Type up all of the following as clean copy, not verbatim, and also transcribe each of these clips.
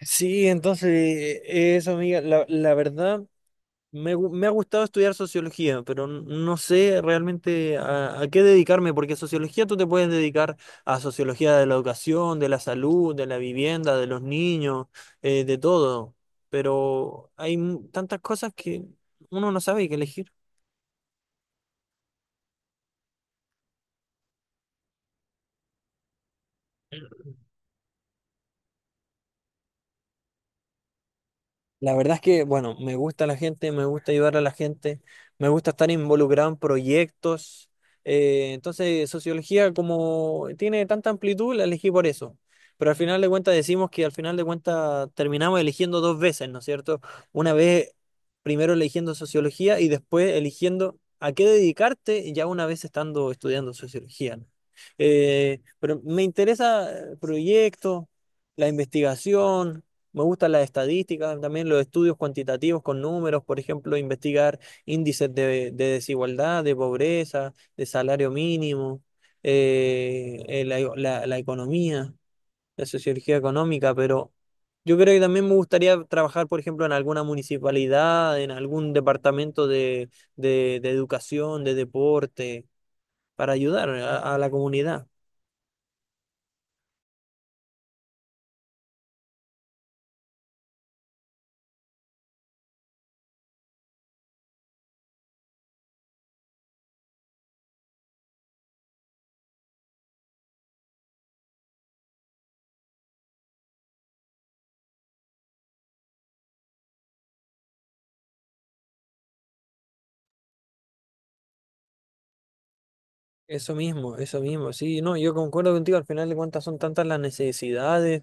Sí, entonces, eso, amiga, la verdad, me ha gustado estudiar sociología, pero no sé realmente a qué dedicarme, porque sociología tú te puedes dedicar a sociología de la educación, de la salud, de la vivienda, de los niños, de todo, pero hay tantas cosas que uno no sabe qué elegir. La verdad es que, bueno, me gusta la gente, me gusta ayudar a la gente, me gusta estar involucrado en proyectos. Entonces, sociología como tiene tanta amplitud, la elegí por eso. Pero al final de cuentas decimos que al final de cuentas terminamos eligiendo dos veces, ¿no es cierto? Una vez primero eligiendo sociología y después eligiendo a qué dedicarte ya una vez estando estudiando sociología, ¿no? Pero me interesa proyectos, la investigación. Me gustan las estadísticas, también los estudios cuantitativos con números, por ejemplo, investigar índices de desigualdad, de pobreza, de salario mínimo, la economía, la sociología económica, pero yo creo que también me gustaría trabajar, por ejemplo, en alguna municipalidad, en algún departamento de educación, de deporte, para ayudar a la comunidad. Eso mismo, sí, no, yo concuerdo contigo, al final de cuentas son tantas las necesidades,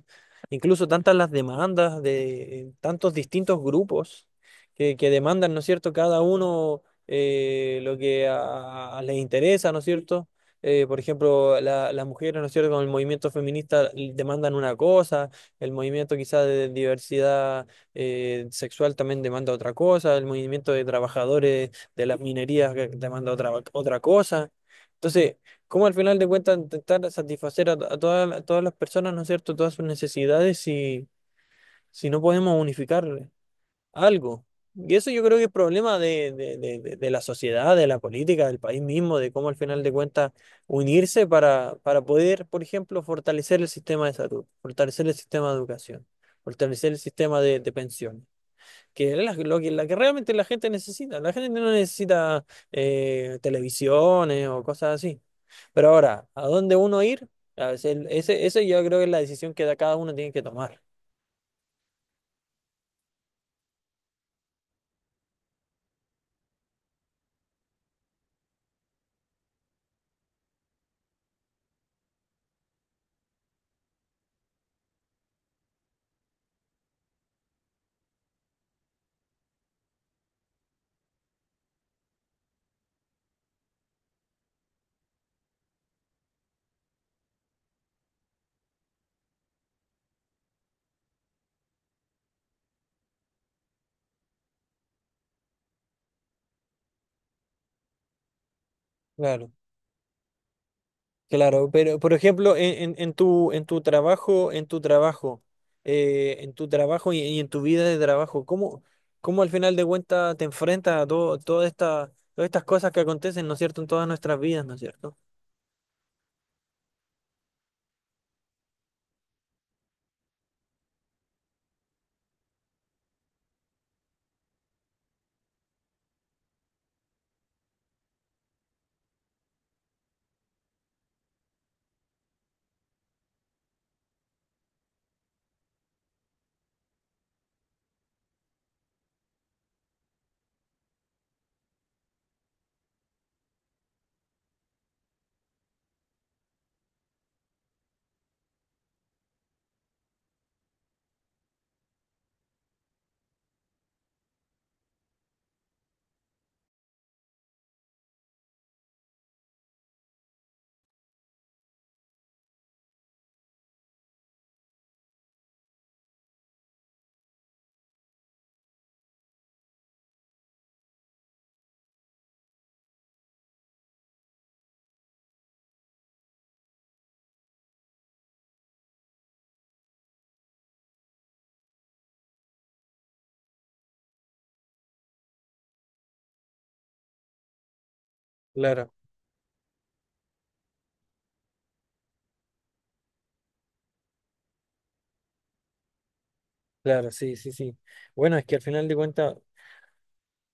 incluso tantas las demandas de tantos distintos grupos que demandan, ¿no es cierto?, cada uno lo que les interesa, ¿no es cierto? Por ejemplo, las mujeres, ¿no es cierto?, con el movimiento feminista demandan una cosa, el movimiento quizás de diversidad sexual también demanda otra cosa, el movimiento de trabajadores de las minerías demanda otra, otra cosa. Entonces, ¿cómo al final de cuentas intentar satisfacer a todas las personas, ¿no es cierto?, todas sus necesidades si no podemos unificar algo. Y eso yo creo que es problema de la sociedad, de la política, del país mismo, de cómo al final de cuentas unirse para poder, por ejemplo, fortalecer el sistema de salud, fortalecer el sistema de educación, fortalecer el sistema de pensiones, que es lo que, la que realmente la gente necesita. La gente no necesita televisiones o cosas así. Pero ahora, ¿a dónde uno ir? A veces, eso yo creo que es la decisión que da cada uno tiene que tomar. Claro, claro. Pero, por ejemplo, en tu trabajo, en tu trabajo, en tu trabajo y en tu vida de trabajo, ¿cómo, cómo al final de cuentas te enfrentas a todo, toda esta, todas estas cosas que acontecen, ¿no es cierto?, en todas nuestras vidas, ¿no es cierto? Claro, claro, sí, sí, sí. Bueno, es que al final de cuentas.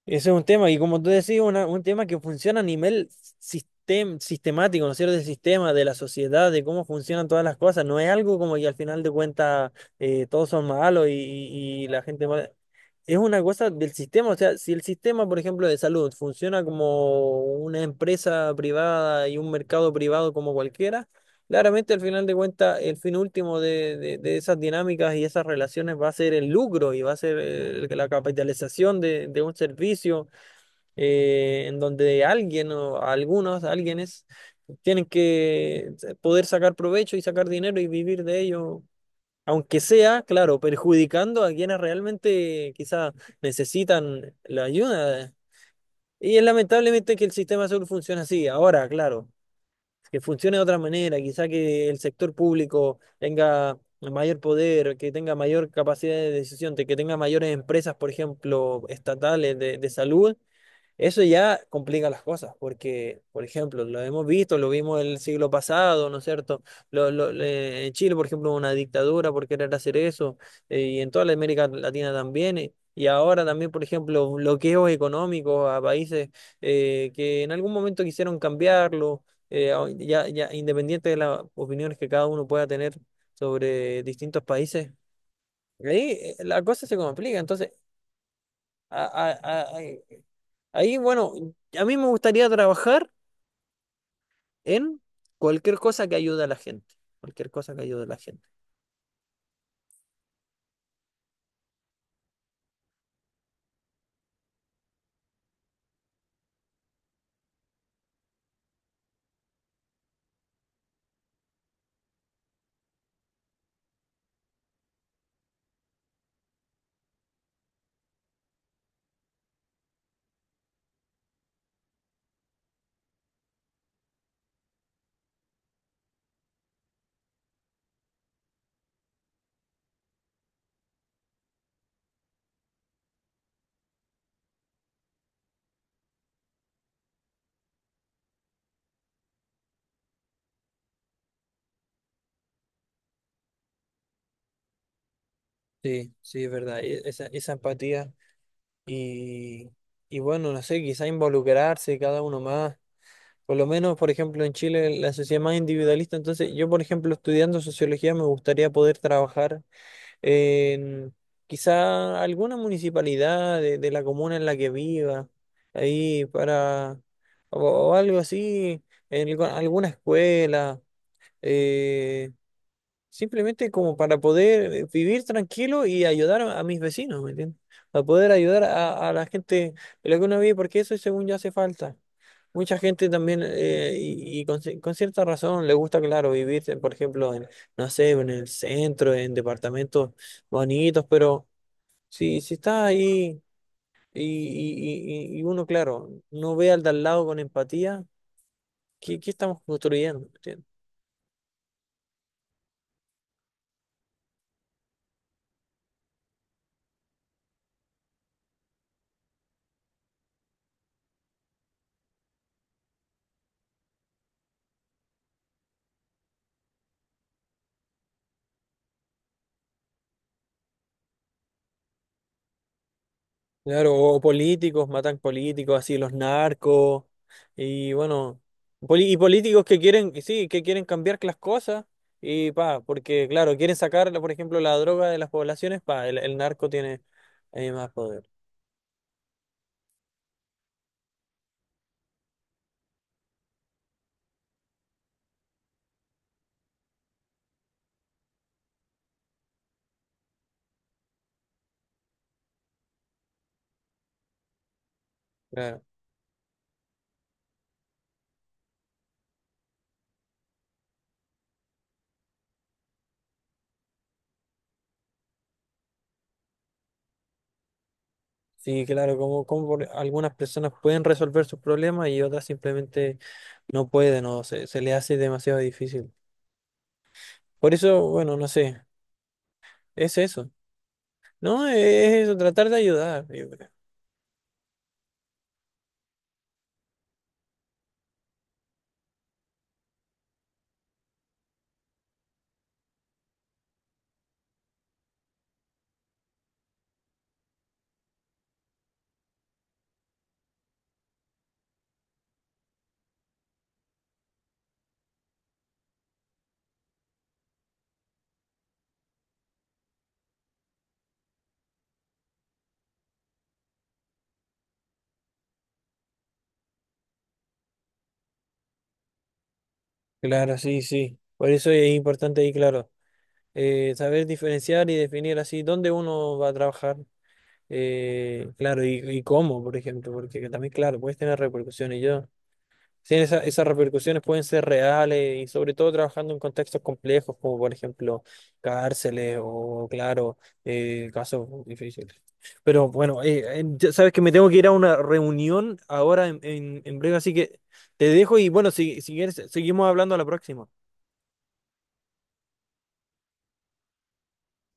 Ese es un tema, y como tú decís, un tema que funciona a nivel sistemático, ¿no es cierto? Del sistema, de la sociedad, de cómo funcionan todas las cosas. No es algo como que al final de cuentas todos son malos y, y la gente mala. Es una cosa del sistema, o sea, si el sistema, por ejemplo, de salud funciona como una empresa privada y un mercado privado como cualquiera, claramente, al final de cuentas, el fin último de esas dinámicas y esas relaciones va a ser el lucro y va a ser la capitalización de un servicio en donde alguien o algunos, alguienes, tienen que poder sacar provecho y sacar dinero y vivir de ello, aunque sea, claro, perjudicando a quienes realmente quizás necesitan la ayuda. Y es lamentablemente que el sistema de salud funciona así. Ahora, claro que funcione de otra manera, quizá que el sector público tenga mayor poder, que tenga mayor capacidad de decisión, de que tenga mayores empresas, por ejemplo, estatales de salud, eso ya complica las cosas, porque, por ejemplo, lo hemos visto, lo vimos el siglo pasado, ¿no es cierto? En Chile, por ejemplo, hubo una dictadura por querer hacer eso, y en toda la América Latina también, y ahora también, por ejemplo, bloqueos económicos a países que en algún momento quisieron cambiarlo, ya, ya independiente de las opiniones que cada uno pueda tener sobre distintos países. Ahí la cosa se complica, entonces... Ahí, bueno, a mí me gustaría trabajar en cualquier cosa que ayude a la gente. Cualquier cosa que ayude a la gente. Sí, sí, es verdad. Esa empatía y, y bueno, no sé, quizá involucrarse cada uno más. Por lo menos, por ejemplo, en Chile la sociedad es más individualista. Entonces, yo, por ejemplo, estudiando sociología, me gustaría poder trabajar en quizá alguna municipalidad de la comuna en la que viva, ahí para, o, o algo así, en alguna escuela, eh, simplemente como para poder vivir tranquilo y ayudar a mis vecinos, ¿me entiendes? Para poder ayudar a la gente de la que uno vive, porque eso según ya hace falta. Mucha gente también, y con, con cierta razón, le gusta, claro, vivir, por ejemplo, en, no sé, en el centro, en departamentos bonitos, pero si está ahí y uno, claro, no ve al de al lado con empatía, ¿qué, qué estamos construyendo? Claro, o políticos, matan políticos, así los narcos, y bueno, y políticos que quieren, y sí, que quieren cambiar las cosas, y pa, porque claro, quieren sacar, por ejemplo, la droga de las poblaciones, pa, el narco tiene más poder. Claro. Sí, claro, como, algunas personas pueden resolver sus problemas y otras simplemente no pueden o se les hace demasiado difícil. Por eso, bueno, no sé, es eso. No, es eso, tratar de ayudar. Claro, sí, sí. Por eso es importante ahí, claro, saber diferenciar y definir así dónde uno va a trabajar, claro, y cómo, por ejemplo, porque también, claro, puedes tener repercusiones. Yo, sí, esas repercusiones pueden ser reales y sobre todo trabajando en contextos complejos, como por ejemplo cárceles o, claro, casos difíciles. Pero bueno, ya sabes que me tengo que ir a una reunión ahora en breve, así que te dejo y bueno, si quieres, seguimos hablando a la próxima.